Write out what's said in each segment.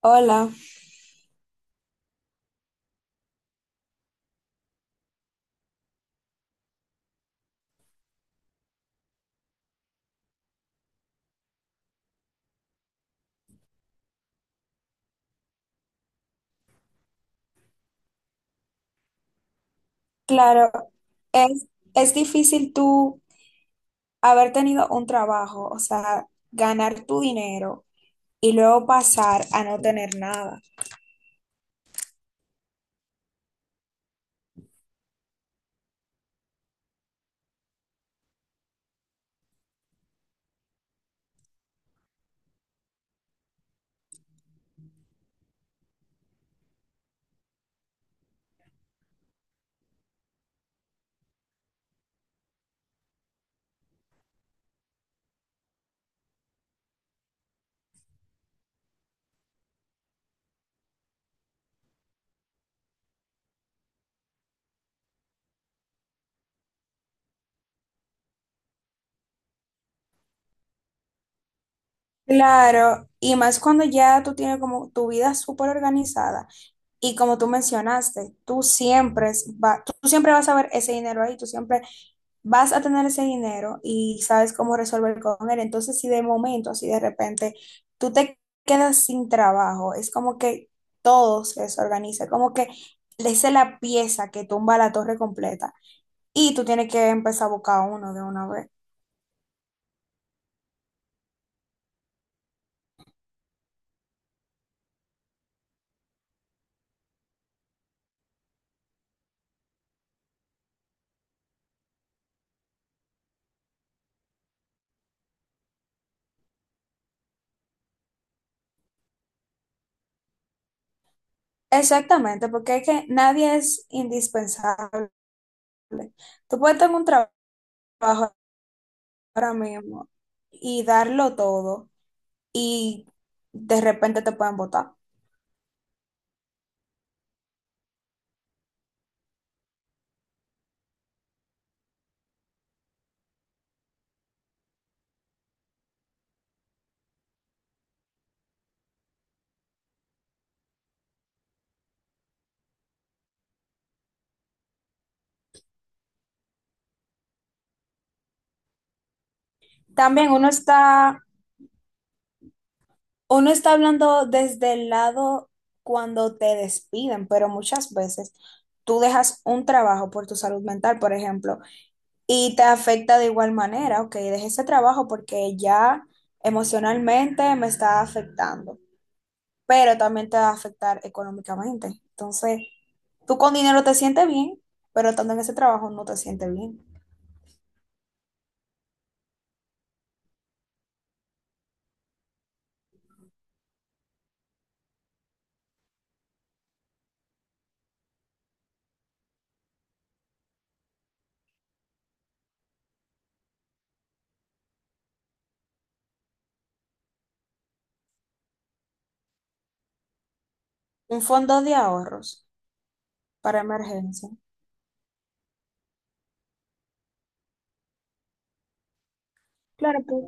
Hola. Claro, es, es difícil tú haber tenido un trabajo, o sea, ganar tu dinero y luego pasar a no tener nada. Claro, y más cuando ya tú tienes como tu vida súper organizada y, como tú mencionaste, tú siempre, tú siempre vas a ver ese dinero ahí, tú siempre vas a tener ese dinero y sabes cómo resolver con él. Entonces, si de momento, así de repente, tú te quedas sin trabajo, es como que todo se desorganiza, como que esa es la pieza que tumba la torre completa y tú tienes que empezar a buscar uno de una vez. Exactamente, porque es que nadie es indispensable. Tú puedes tener un trabajo ahora mismo y darlo todo y de repente te pueden votar. También uno está. Uno está hablando desde el lado cuando te despiden, pero muchas veces tú dejas un trabajo por tu salud mental, por ejemplo, y te afecta de igual manera. Ok, dejé ese trabajo porque ya emocionalmente me está afectando, pero también te va a afectar económicamente. Entonces, tú con dinero te sientes bien, pero estando en ese trabajo no te sientes bien. Un fondo de ahorros para emergencia. Claro, pues.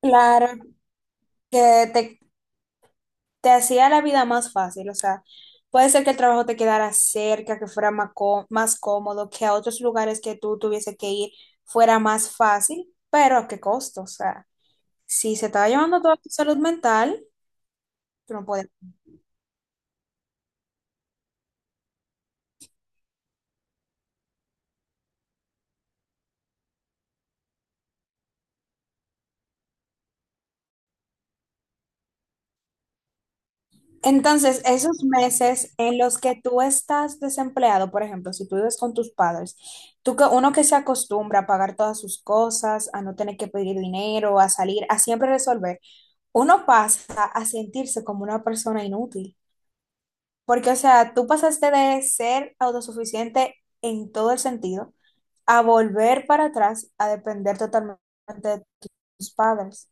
Claro, que te te hacía la vida más fácil, o sea, puede ser que el trabajo te quedara cerca, que fuera más, más cómodo, que a otros lugares que tú tuviese que ir fuera más fácil, pero ¿a qué costo? O sea, si se estaba llevando toda tu salud mental, tú no puedes. Entonces, esos meses en los que tú estás desempleado, por ejemplo, si tú vives con tus padres, tú que uno que se acostumbra a pagar todas sus cosas, a no tener que pedir dinero, a salir, a siempre resolver, uno pasa a sentirse como una persona inútil. Porque, o sea, tú pasaste de ser autosuficiente en todo el sentido a volver para atrás a depender totalmente de tus padres.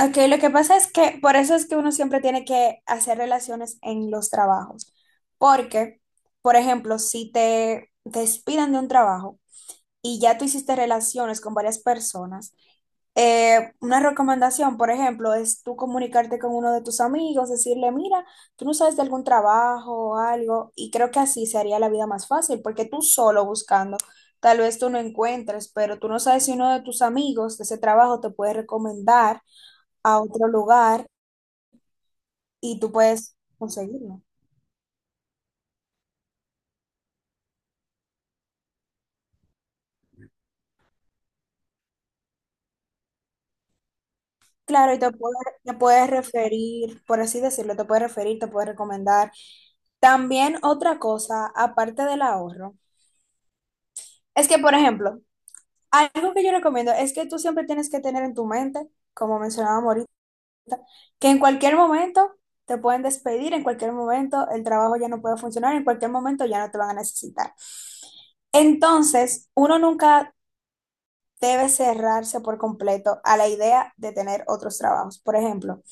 Ok, lo que pasa es que por eso es que uno siempre tiene que hacer relaciones en los trabajos. Porque, por ejemplo, si te despidan de un trabajo y ya tú hiciste relaciones con varias personas, una recomendación, por ejemplo, es tú comunicarte con uno de tus amigos, decirle, mira, tú no sabes de algún trabajo o algo, y creo que así se haría la vida más fácil, porque tú solo buscando, tal vez tú no encuentres, pero tú no sabes si uno de tus amigos de ese trabajo te puede recomendar a otro lugar y tú puedes conseguirlo. Claro, y te puede-, te puedes referir, por así decirlo, te puedes referir, te puedes recomendar. También otra cosa, aparte del ahorro, es que, por ejemplo, algo que yo recomiendo es que tú siempre tienes que tener en tu mente, como mencionábamos ahorita, que en cualquier momento te pueden despedir, en cualquier momento el trabajo ya no puede funcionar, en cualquier momento ya no te van a necesitar. Entonces, uno nunca debe cerrarse por completo a la idea de tener otros trabajos. Por ejemplo,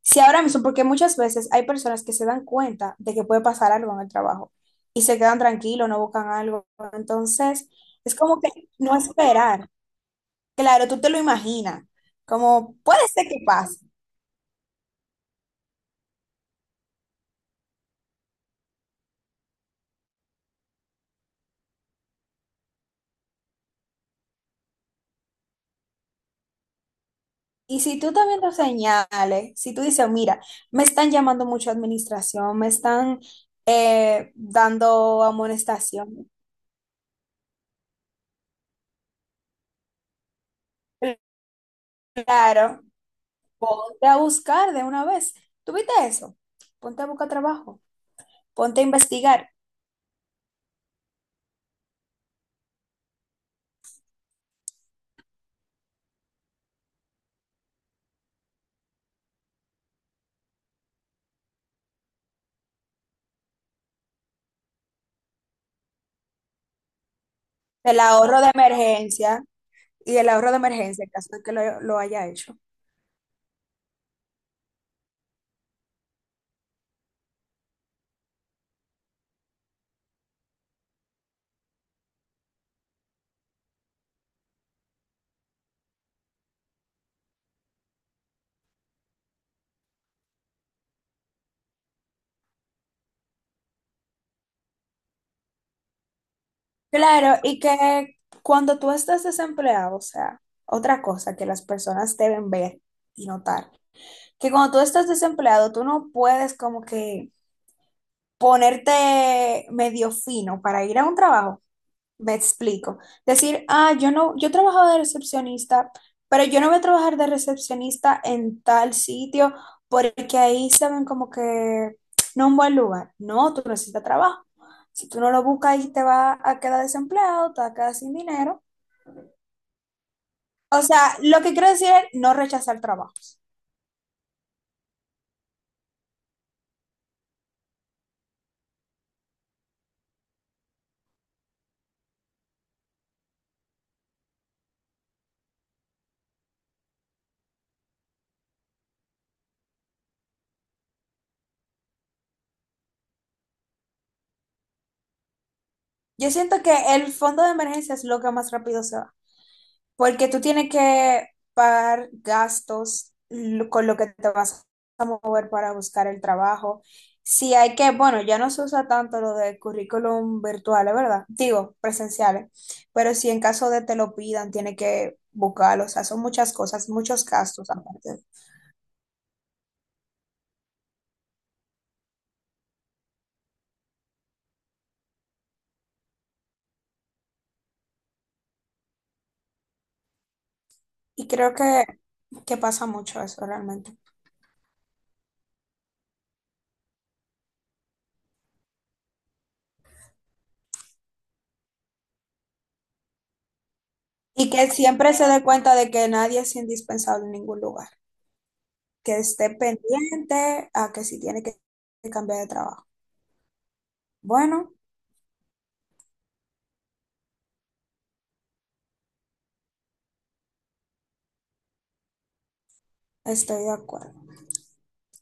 si ahora mismo, porque muchas veces hay personas que se dan cuenta de que puede pasar algo en el trabajo y se quedan tranquilos, no buscan algo. Entonces, es como que no esperar. Claro, tú te lo imaginas, como puede ser que pase. Y si tú también lo señales, si tú dices, mira, me están llamando mucho a administración, me están dando amonestación, claro, ponte a buscar de una vez. ¿Tuviste eso? Ponte a buscar trabajo, ponte a investigar el ahorro de emergencia y el ahorro de emergencia en caso de que lo haya hecho. Claro, y que cuando tú estás desempleado, o sea, otra cosa que las personas deben ver y notar, que cuando tú estás desempleado, tú no puedes como que ponerte medio fino para ir a un trabajo, me explico. Decir, ah, yo no, yo trabajaba de recepcionista, pero yo no voy a trabajar de recepcionista en tal sitio porque ahí se ven como que no un buen lugar. No, tú necesitas trabajo. Si tú no lo buscas ahí te vas a quedar desempleado, te vas a quedar sin dinero. O sea, lo que quiero decir es no rechazar trabajos. Yo siento que el fondo de emergencia es lo que más rápido se va. Porque tú tienes que pagar gastos con lo que te vas a mover para buscar el trabajo. Si hay que, bueno, ya no se usa tanto lo de currículum virtuales, ¿verdad? Digo, presenciales. Pero si en caso de te lo pidan, tiene que buscarlo. O sea, son muchas cosas, muchos gastos aparte. Y creo que pasa mucho eso realmente. Y que siempre se dé cuenta de que nadie es indispensable en ningún lugar. Que esté pendiente a que si tiene que cambiar de trabajo. Bueno. Estoy de acuerdo.